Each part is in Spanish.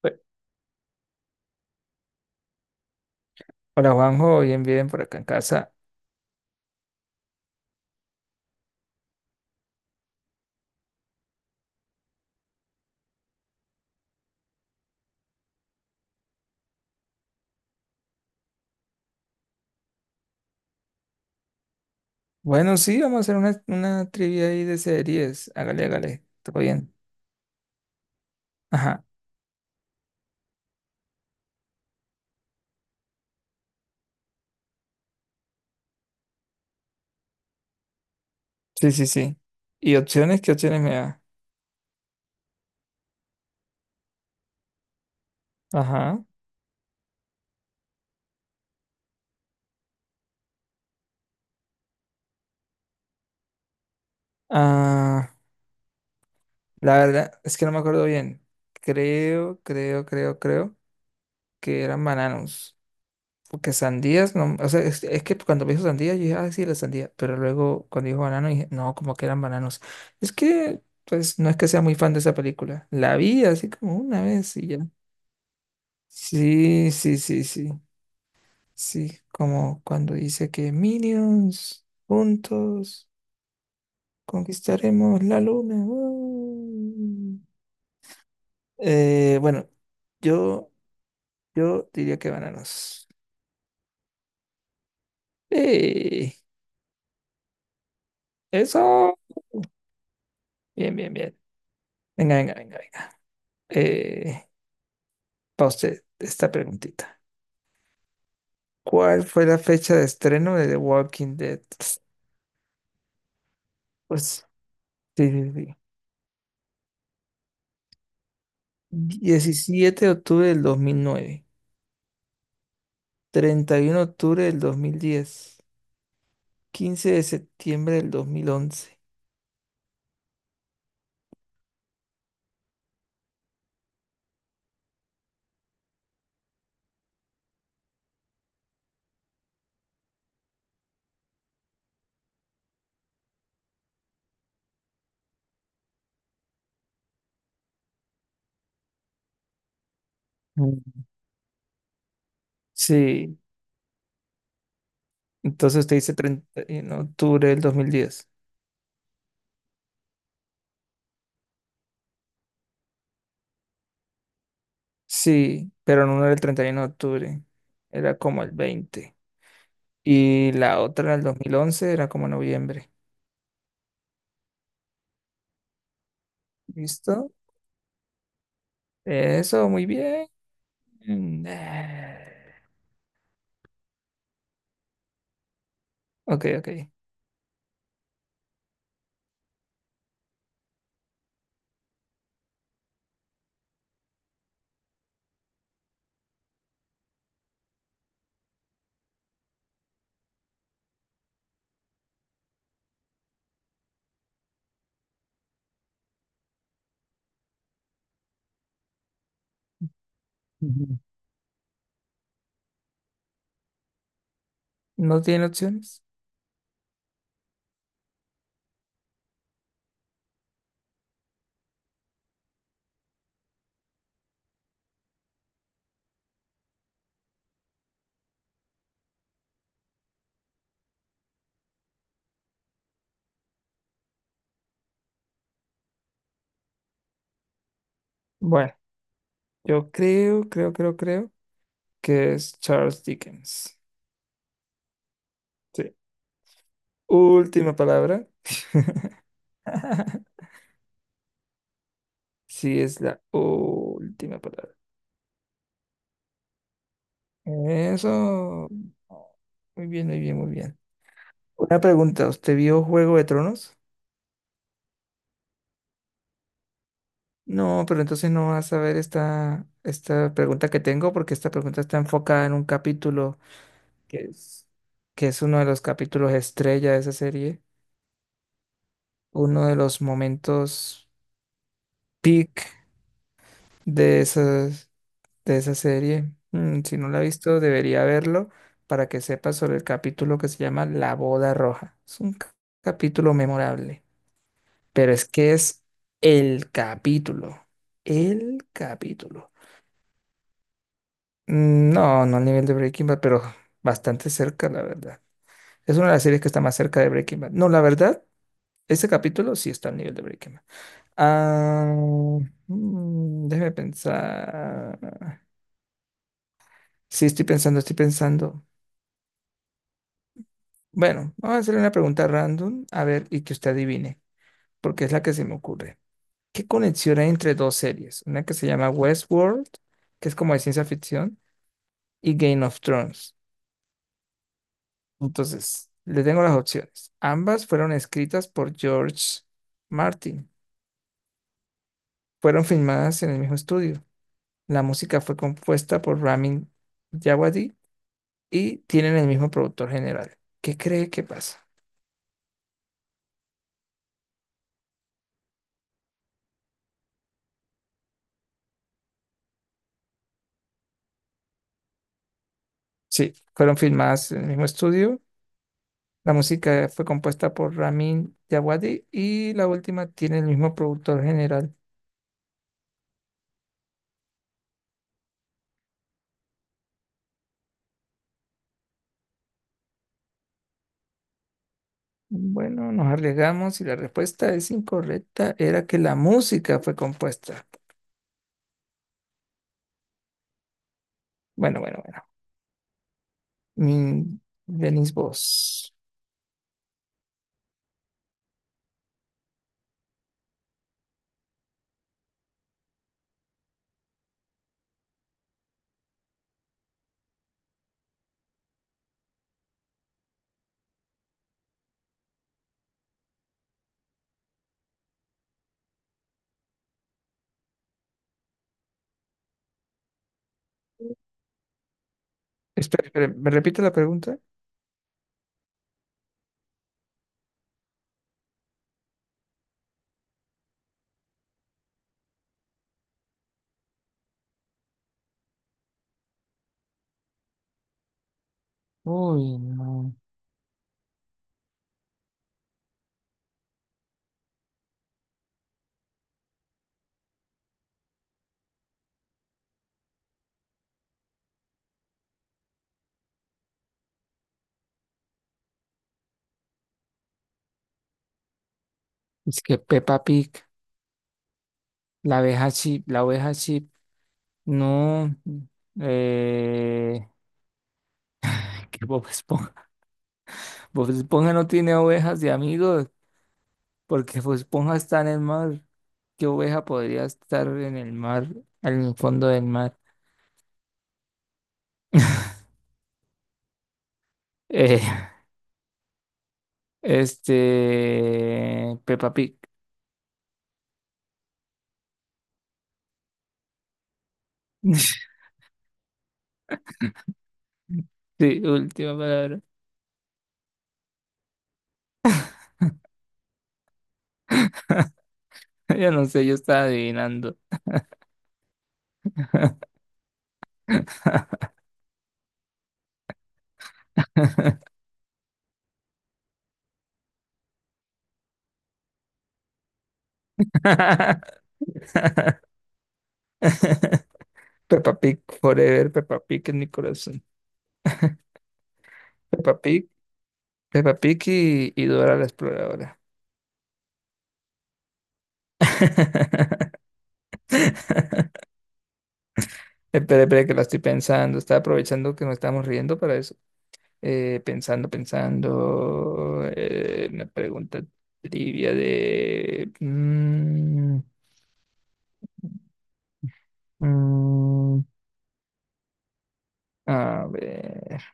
Pues, hola Juanjo, bien, bien por acá en casa. Bueno, sí, vamos a hacer una trivia ahí de series. Hágale, hágale, todo bien. Ajá, sí, sí, sí. ¿Y opciones? ¿Qué opciones me da? Ajá. Ah, la verdad es que no me acuerdo bien. Creo que eran bananos. Porque sandías, no, o sea, es que cuando me dijo sandía, yo dije, ah, sí, la sandía. Pero luego cuando dijo banano, dije, no, como que eran bananos. Es que, pues, no es que sea muy fan de esa película. La vi así como una vez y ya. Sí, sí, sí, sí. Sí, como cuando dice que Minions, juntos, conquistaremos la luna. Eh, bueno, yo, yo diría que bananos. Eh, eso. Bien, bien, bien. Venga, venga, venga, venga. Eh, para usted, esta preguntita. ¿Cuál fue la fecha de estreno de The Walking Dead? Pues, sí, sí, sí. 17 de octubre del 2009. 31 de octubre del 2010, 15 de septiembre del 2011. Mm. Sí. Entonces usted dice 31 de octubre del 2010. Sí, pero no era el 31 de octubre. Era como el 20. Y la otra, el 2011 era como noviembre. ¿Listo? Eso, muy bien. Eh, Ok, ok. Ujú. ¿No tiene opciones? Bueno, yo creo que es Charles Dickens. Sí. Última palabra. Sí, es la última palabra. Eso. Muy bien, muy bien, muy bien. Una pregunta, ¿usted vio Juego de Tronos? No, pero entonces no vas a ver esta, esta pregunta que tengo porque esta pregunta está enfocada en un capítulo que es, que es uno de los capítulos estrella de esa serie, uno de los momentos peak de esas. De esa serie. Mm, si no la ha visto, debería verlo para que sepa sobre el capítulo que se llama La Boda Roja. Es un capítulo memorable, pero es que es el capítulo, el capítulo. Mm, no, no al nivel de Breaking Bad, pero bastante cerca, la verdad. Es una de las series que está más cerca de Breaking Bad. No, la verdad, ese capítulo sí está al nivel de Breaking Bad. Ah, déjeme pensar. Sí, estoy pensando, estoy pensando. Bueno, vamos a hacerle una pregunta random, a ver, y que usted adivine, porque es la que se me ocurre. ¿Qué conexión hay entre dos series? Una que se llama Westworld, que es como de ciencia ficción, y Game of Thrones. Entonces, le tengo las opciones. Ambas fueron escritas por George Martin. Fueron filmadas en el mismo estudio. La música fue compuesta por Ramin Djawadi y tienen el mismo productor general. ¿Qué cree que pasa? Sí, fueron filmadas en el mismo estudio. La música fue compuesta por Ramin Djawadi y la última tiene el mismo productor general. Bueno, nos arriesgamos y la respuesta es incorrecta. Era que la música fue compuesta. Bueno, bueno, bueno. Mm, venís vos. Espera, espera, ¿me repite la pregunta? Uy, no. Es que Peppa Pig. La abeja chip, la oveja chip, no. Eh, que Bob Esponja, Bob Esponja no tiene ovejas de amigos, porque Bob Esponja está en el mar. ¿Qué oveja podría estar en el mar, en el fondo del mar? Eh, Peppa Pig. Sí, última palabra. Yo no sé, yo estaba adivinando. Peppa Pig, forever, Peppa Pig en mi corazón. Peppa Pig. Peppa Pig y Dora la Exploradora. Espera, espera, que la estoy pensando. Estaba aprovechando que nos estamos riendo para eso. Pensando, pensando. Una pregunta trivia de. Mm, a ver.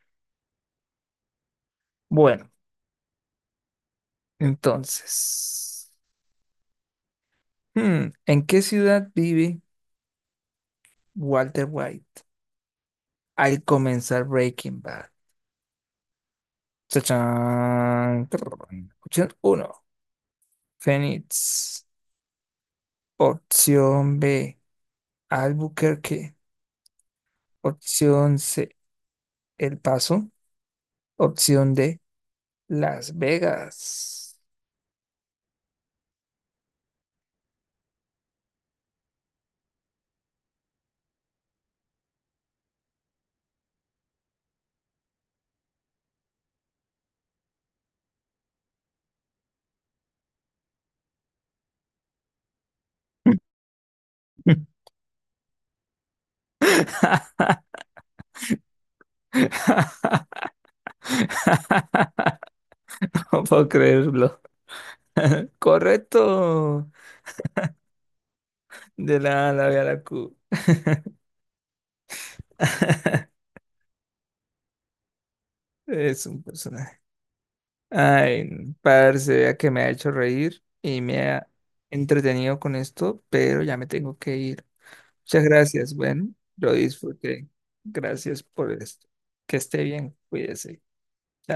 Bueno, entonces. ¿En qué ciudad vive Walter White al comenzar Breaking Bad? Chachán. Trrr. Opción uno. Phoenix. Opción B, Albuquerque. Opción C, El Paso. Opción D, Las Vegas. No puedo creerlo. Correcto. De la A la B a la Q. Es un personaje. Ay, parce, vea que me ha hecho reír y me ha entretenido con esto, pero ya me tengo que ir. Muchas gracias. Bueno, lo disfruté. Gracias por esto. Que esté bien. Cuídese. Chao.